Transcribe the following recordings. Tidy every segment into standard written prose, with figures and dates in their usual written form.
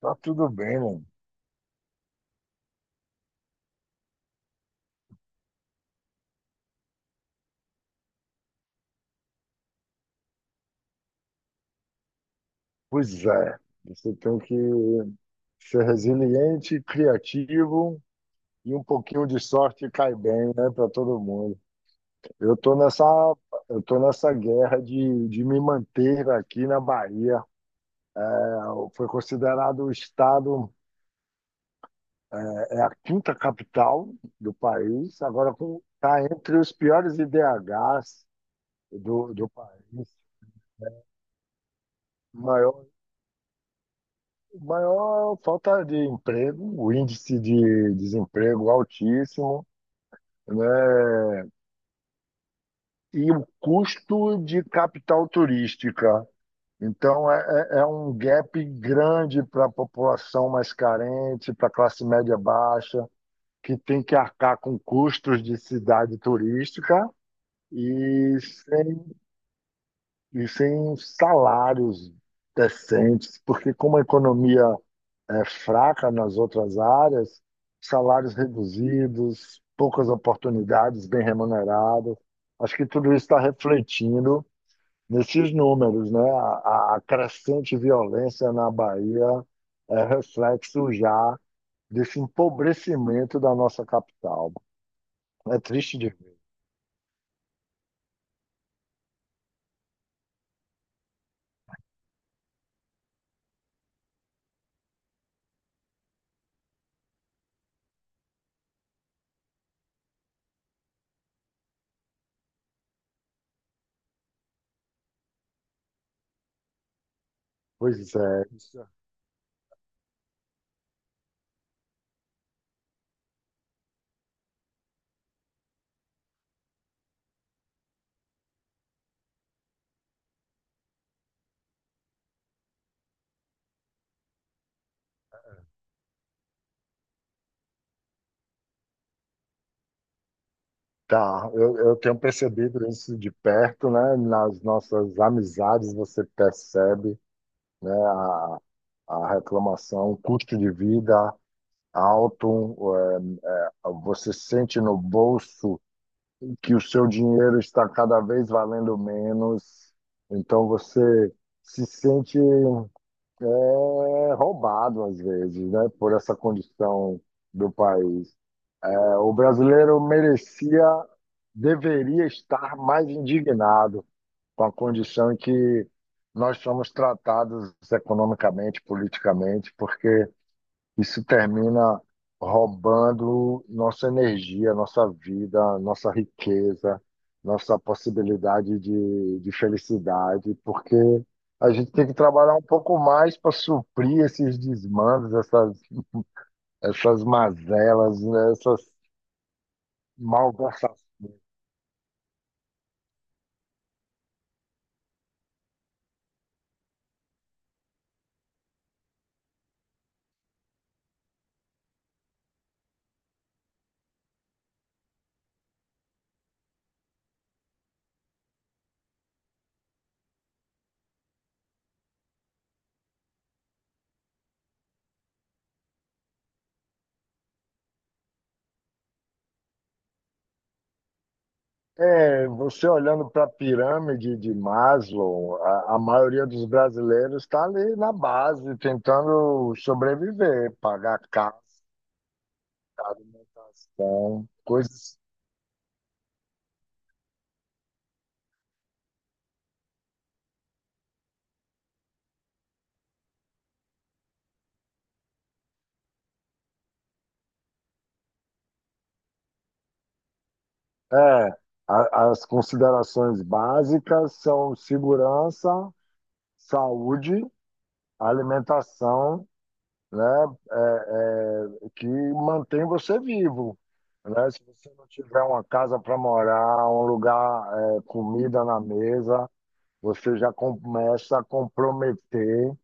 Tá tudo bem, mano. Pois é, você tem que ser resiliente, criativo e um pouquinho de sorte cai bem, né, para todo mundo. Eu tô nessa, eu tô nessa guerra de me manter aqui na Bahia. É, Foi considerado o estado, é a quinta capital do país, agora está entre os piores IDHs do país. Maior maior falta de emprego, o índice de desemprego altíssimo, né? E o custo de capital turística. Então, é um gap grande para a população mais carente, para a classe média baixa, que tem que arcar com custos de cidade turística e sem, e sem salários decentes, porque como a economia fraca nas outras áreas, salários reduzidos, poucas oportunidades, bem remunerado. Acho que tudo isso está refletindo nesses números, né? A crescente violência na Bahia é reflexo já desse empobrecimento da nossa capital. É triste de ver. Pois é. Tá, eu tenho percebido isso de perto, né? Nas nossas amizades você percebe, né? A reclamação, custo de vida alto, você sente no bolso que o seu dinheiro está cada vez valendo menos, então você se sente roubado às vezes, né? Por essa condição do país. É, o brasileiro merecia, deveria estar mais indignado com a condição em que nós somos tratados economicamente, politicamente, porque isso termina roubando nossa energia, nossa vida, nossa riqueza, nossa possibilidade de felicidade, porque a gente tem que trabalhar um pouco mais para suprir esses desmandos, essas mazelas, né, essas malversações. É, você olhando para a pirâmide de Maslow, a maioria dos brasileiros está ali na base, tentando sobreviver, pagar casa, alimentação, coisas. É, as considerações básicas são segurança, saúde, alimentação, né, que mantém você vivo. Né? Se você não tiver uma casa para morar, um lugar, comida na mesa, você já começa a comprometer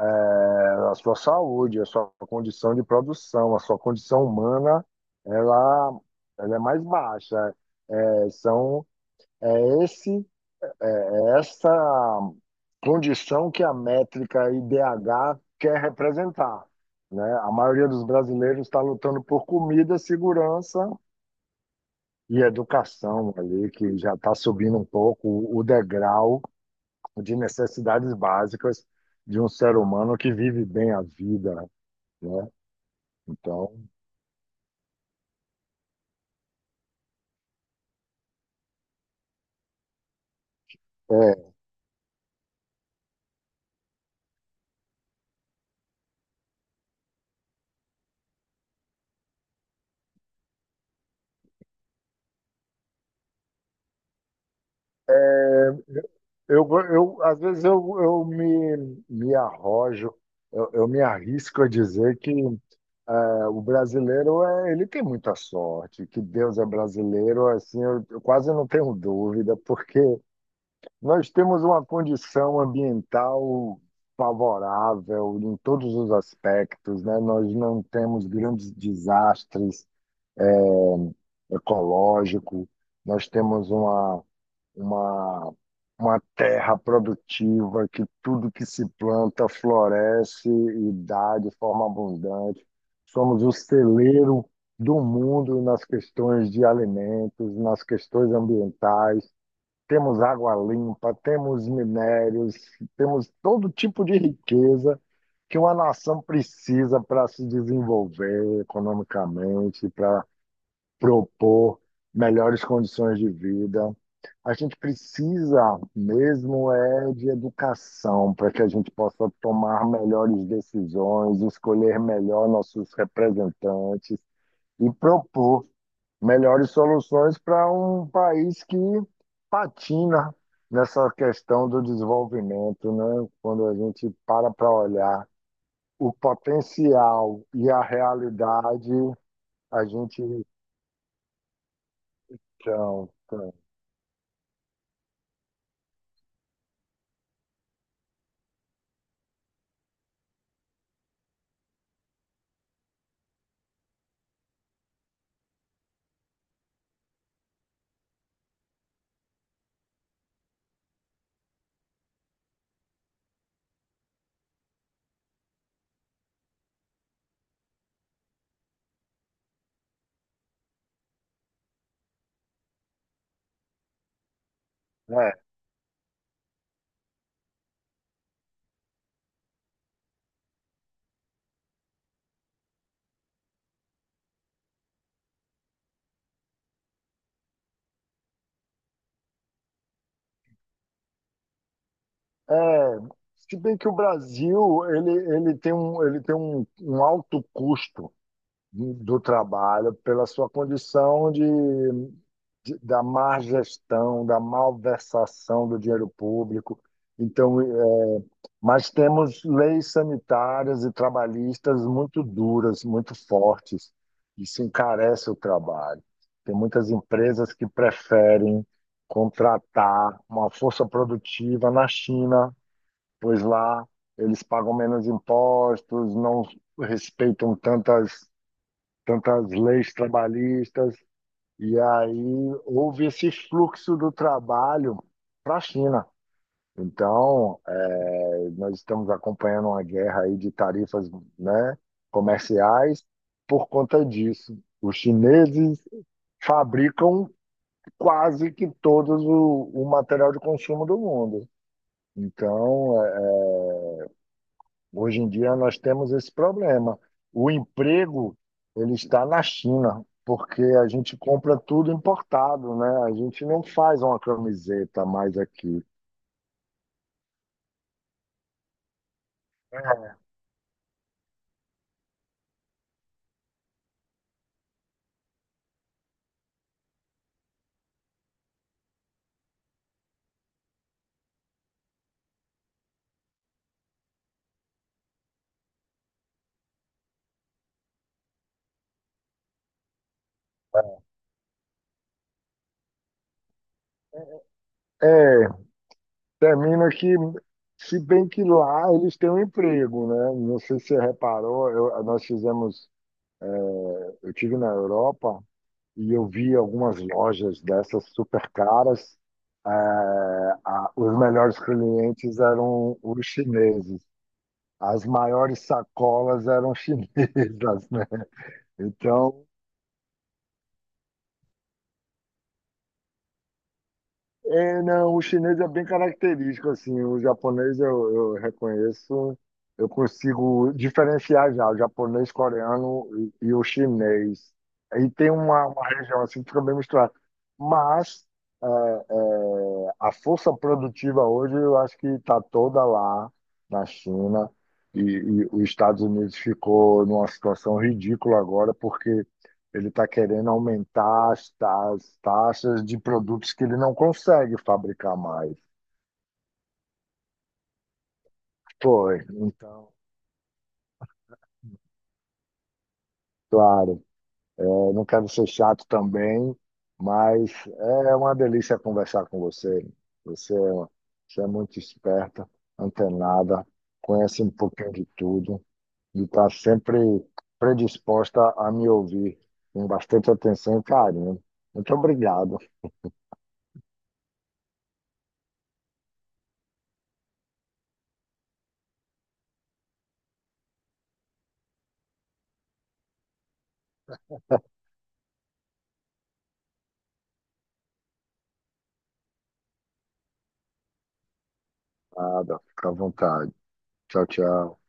é, a sua saúde, a sua condição de produção, a sua condição humana, ela, ela é mais baixa. É, são, é esse, é essa condição que a métrica IDH quer representar. Né? A maioria dos brasileiros está lutando por comida, segurança e educação ali, que já está subindo um pouco o degrau de necessidades básicas de um ser humano que vive bem a vida, né? Então, é, é, eu, às vezes eu me arrojo, eu me arrisco a dizer que o brasileiro ele tem muita sorte, que Deus é brasileiro, assim, eu quase não tenho dúvida, porque nós temos uma condição ambiental favorável em todos os aspectos, né? Nós não temos grandes desastres ecológicos, nós temos uma, uma, uma terra produtiva que tudo que se planta floresce e dá de forma abundante. Somos o celeiro do mundo nas questões de alimentos, nas questões ambientais temos água limpa, temos minérios, temos todo tipo de riqueza que uma nação precisa para se desenvolver economicamente, para propor melhores condições de vida. A gente precisa mesmo é de educação para que a gente possa tomar melhores decisões, escolher melhor nossos representantes e propor melhores soluções para um país que patina nessa questão do desenvolvimento, né? Quando a gente para para olhar o potencial e a realidade, a gente então, então, né? É, se bem que o Brasil ele tem um alto custo do trabalho pela sua condição de da má gestão, da malversação do dinheiro público. Então, mas temos leis sanitárias e trabalhistas muito duras, muito fortes. Isso encarece o trabalho. Tem muitas empresas que preferem contratar uma força produtiva na China, pois lá eles pagam menos impostos, não respeitam tantas leis trabalhistas. E aí houve esse fluxo do trabalho para a China. Então, nós estamos acompanhando uma guerra aí de tarifas, né, comerciais por conta disso. Os chineses fabricam quase que todos o material de consumo do mundo. Então, hoje em dia nós temos esse problema. O emprego ele está na China, porque a gente compra tudo importado, né? A gente não faz uma camiseta mais aqui. É, termina que, se bem que lá eles têm um emprego, né? Não sei se você reparou, nós fizemos, é, eu tive na Europa e eu vi algumas lojas dessas super caras. É, os melhores clientes eram os chineses. As maiores sacolas eram chinesas, né? Então, é, não, o chinês é bem característico, assim, o japonês eu reconheço, eu consigo diferenciar já o japonês, coreano e o chinês. Aí tem uma região assim que fica bem misturada. Mas a força produtiva hoje eu acho que está toda lá na China e os Estados Unidos ficou numa situação ridícula agora porque ele está querendo aumentar as, as taxas de produtos que ele não consegue fabricar mais. Foi, então, claro, é, não quero ser chato também, mas é uma delícia conversar com você. Você, é uma- você é muito esperta, antenada, conhece um pouquinho de tudo e está sempre predisposta a me ouvir com bastante atenção e carinho. Muito obrigado. Nada, fica à vontade. Tchau, tchau.